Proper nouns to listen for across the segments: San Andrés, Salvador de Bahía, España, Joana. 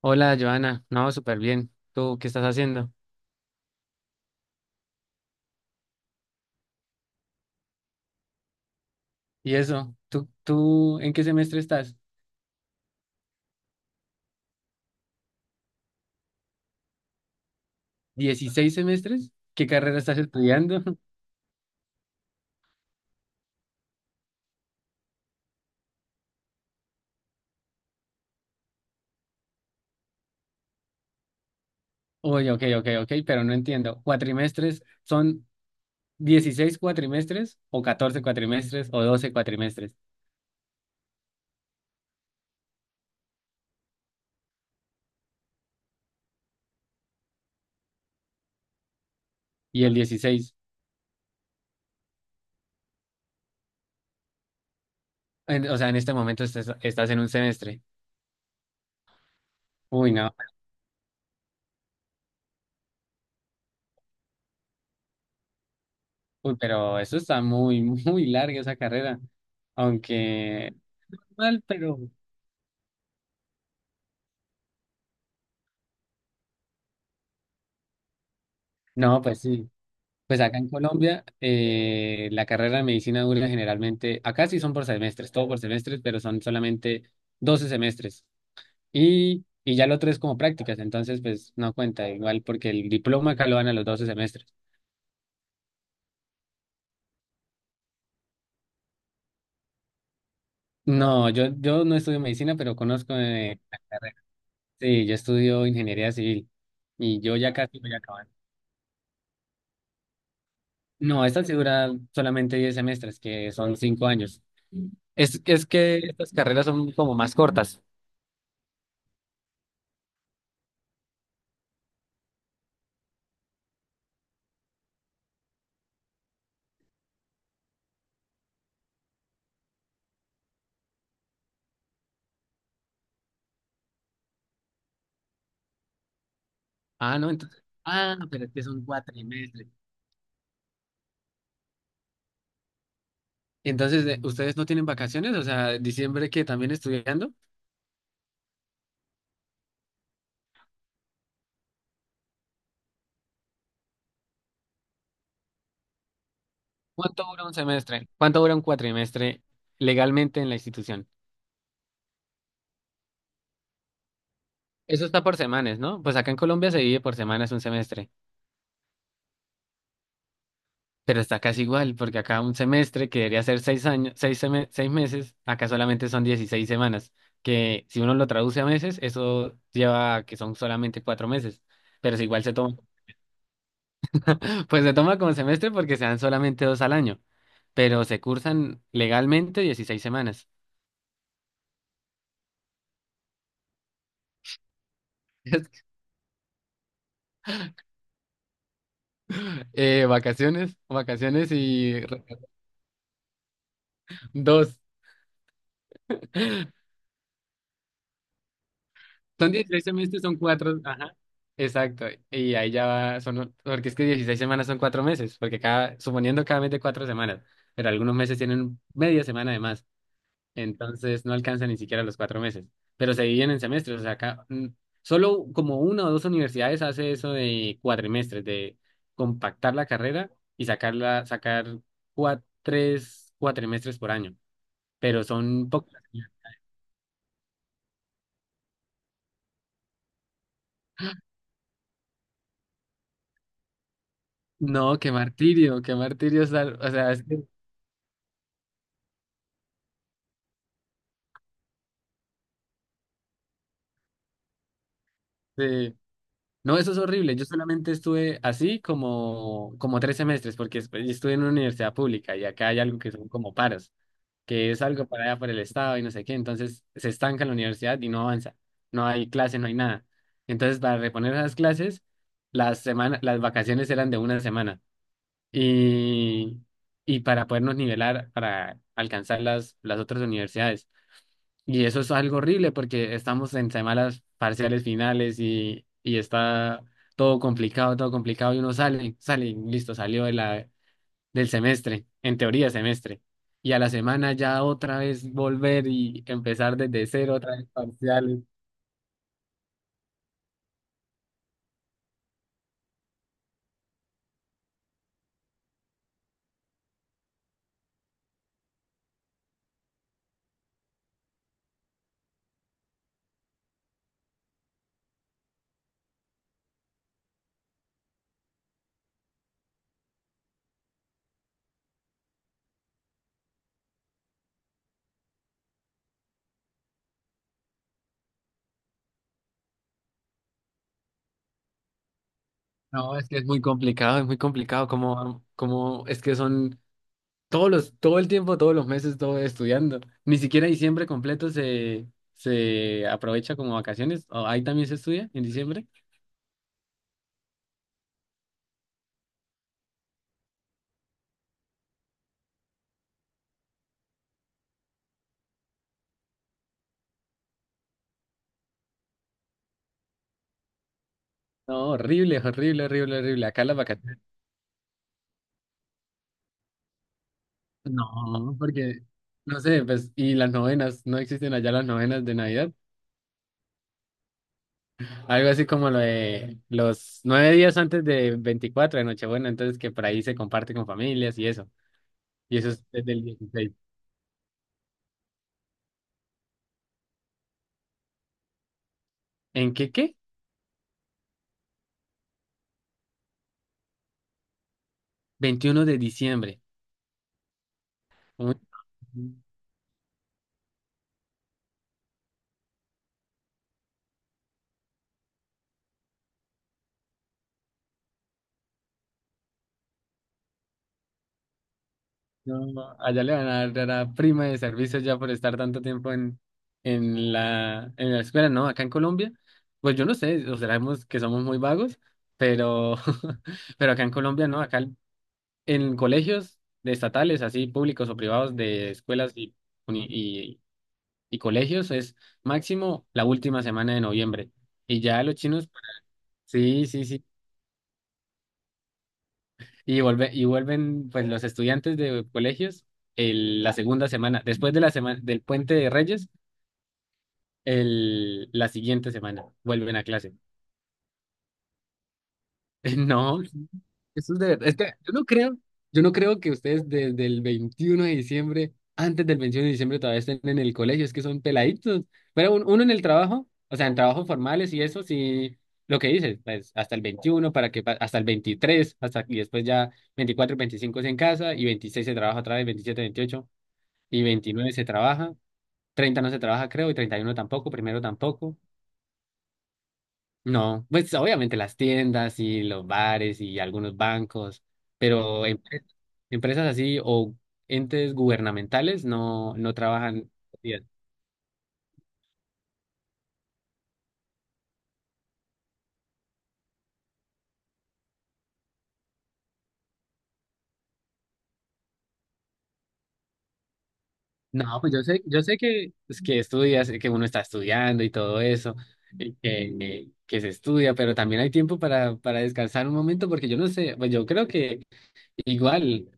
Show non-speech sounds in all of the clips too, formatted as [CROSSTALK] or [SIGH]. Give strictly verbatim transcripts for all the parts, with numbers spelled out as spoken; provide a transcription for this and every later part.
Hola, Joana. No, súper bien. ¿Tú qué estás haciendo? ¿Y eso? ¿Tú, tú en qué semestre estás? ¿Dieciséis semestres? ¿Qué carrera estás estudiando? [LAUGHS] Uy, ok, ok, ok, pero no entiendo. ¿Cuatrimestres son dieciséis cuatrimestres o catorce cuatrimestres o doce cuatrimestres? Y el dieciséis. En- o sea, en este momento estás, estás en un semestre. Uy, no. Uy, pero eso está muy, [LAUGHS] muy larga esa carrera. Aunque mal, pero. No, pues sí. Pues acá en Colombia, eh, la carrera de medicina dura generalmente, acá sí son por semestres, todo por semestres, pero son solamente doce semestres. Y, y ya lo otro es como prácticas, entonces pues no cuenta igual porque el diploma acá lo dan a los doce semestres. No, yo, yo no estudio medicina, pero conozco eh, la carrera. Sí, yo estudio ingeniería civil y yo ya casi voy a acabar. No, esta sí dura solamente diez semestres, que son cinco años. Es, es que estas carreras son como más cortas. Ah, no, entonces. Ah, pero es que es un cuatrimestre. Entonces, eh, ¿ustedes no tienen vacaciones? O sea, diciembre que también estudiando. ¿Cuánto dura un semestre? ¿Cuánto dura un cuatrimestre legalmente en la institución? Eso está por semanas, ¿no? Pues acá en Colombia se divide por semanas un semestre, pero está casi igual, porque acá un semestre que debería ser seis años, seis, seme- seis meses, acá solamente son dieciséis semanas, que si uno lo traduce a meses, eso lleva a que son solamente cuatro meses, pero si igual se toma. Pues se toma como semestre porque se dan solamente dos al año, pero se cursan legalmente dieciséis semanas. [LAUGHS] Eh, vacaciones, vacaciones y re- dos. [LAUGHS] Son dieciséis semestres, son cuatro. Ajá. Exacto. Y ahí ya va, son, porque es que dieciséis semanas son cuatro meses, porque cada, suponiendo cada mes de cuatro semanas, pero algunos meses tienen media semana de más. Entonces no alcanza ni siquiera los cuatro meses, pero se dividen en semestres, o sea, acá mm, solo como una o dos universidades hace eso de cuatrimestres, de compactar la carrera y sacarla, sacar cua- tres cuatrimestres por año, pero son pocas. No, qué martirio, qué martirio, estar- o sea, es que, eh, no, eso es horrible, yo solamente estuve así como, como, tres semestres, porque después yo estuve en una universidad pública y acá hay algo que son como paros, que es algo para allá por el Estado y no sé qué, entonces se estanca en la universidad y no avanza, no hay clase no hay nada. Entonces, para reponer esas clases, las semana, las vacaciones eran de una semana y, y para podernos nivelar, para alcanzar las, las otras universidades. Y eso es algo horrible porque estamos en semanas parciales finales y, y está todo complicado, todo complicado y uno sale, sale, y listo, salió de la, del semestre, en teoría semestre. Y a la semana ya otra vez volver y empezar desde cero, otra vez parciales. No, es que es muy complicado, es muy complicado como, como es que son todos los, todo el tiempo, todos los meses, todo estudiando. Ni siquiera diciembre completo se, se aprovecha como vacaciones. ¿O ahí también se estudia en diciembre? No, horrible, horrible, horrible, horrible. Acá las vacaciones. No, porque, no sé, pues, y las novenas, no existen allá las novenas de Navidad. Algo así como lo de los nueve días antes de veinticuatro de Nochebuena, entonces que por ahí se comparte con familias y eso. Y eso es desde el dieciséis. ¿En qué qué? Veintiuno de diciembre. Uy, no, allá le van a dar a la prima de servicio ya por estar tanto tiempo en, en la, en la escuela, ¿no? Acá en Colombia, pues yo no sé, o sabemos que somos muy vagos, pero, [LAUGHS] pero acá en Colombia, ¿no? Acá en colegios de estatales, así públicos o privados, de escuelas y, uni- y colegios es máximo la última semana de noviembre. Y ya los chinos, sí, sí, sí. Y vuelve, y vuelven pues los estudiantes de colegios el, la segunda semana, después de la semana del puente de Reyes, el, la siguiente semana vuelven a clase. [LAUGHS] No, eso es de verdad. Es que yo no creo, yo no creo que ustedes desde el veintiuno de diciembre, antes del veintiuno de diciembre todavía estén en el colegio, es que son peladitos. Pero un- uno en el trabajo, o sea, en trabajos formales y eso, sí, lo que dices, pues hasta el veintiuno para que pa- hasta el veintitrés hasta y después ya veinticuatro veinticinco es en casa y veintiséis se trabaja otra vez, veintisiete veintiocho y veintinueve se trabaja, treinta no se trabaja, creo, y treinta y uno tampoco, primero tampoco. No, pues obviamente las tiendas y los bares y algunos bancos, pero empre- empresas así o entes gubernamentales no, no trabajan. Bien. No, pues yo sé, yo sé que, pues, que estudias, que uno está estudiando y todo eso, y que, que se estudia, pero también hay tiempo para, para descansar un momento, porque yo no sé, pues yo creo que igual.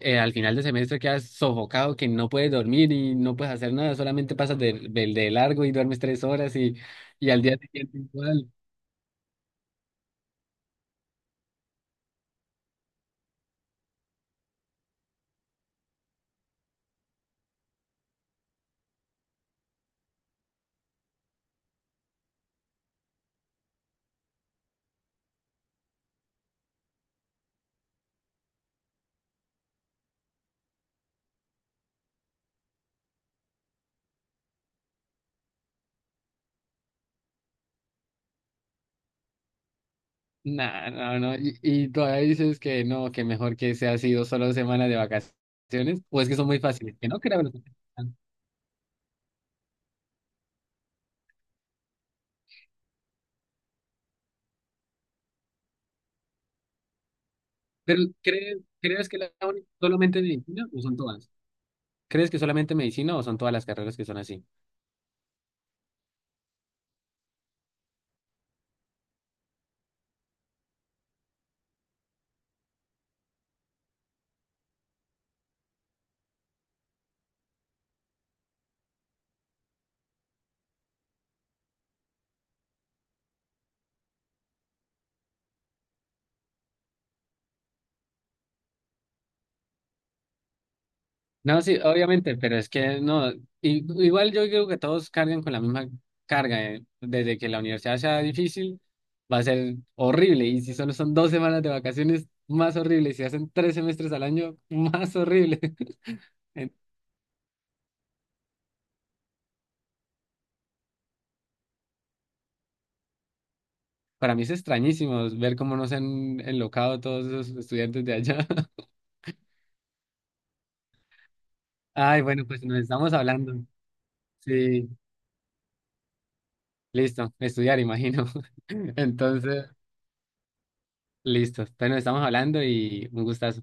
eh, Al final de semestre quedas sofocado, que no puedes dormir y no puedes hacer nada, solamente pasas de, de- de largo y duermes tres horas y, y al día siguiente igual. Nah, no, no, y, y todavía dices que no, que mejor que sea sido solo semanas de vacaciones, o es que son muy fáciles, que no creo. Pero ¿crees, crees que la única- solamente medicina o son todas? ¿Crees que solamente medicina o son todas las carreras que son así? No, sí, obviamente, pero es que no, i- igual yo creo que todos cargan con la misma carga, eh. Desde que la universidad sea difícil, va a ser horrible, y si solo son dos semanas de vacaciones, más horrible, y si hacen tres semestres al año, más horrible. [LAUGHS] En- Para mí es extrañísimo ver cómo nos han enlocado todos esos estudiantes de allá. [LAUGHS] Ay, bueno, pues nos estamos hablando. Sí, listo, estudiar, imagino. [LAUGHS] Entonces, listo, pues nos estamos hablando y un gustazo.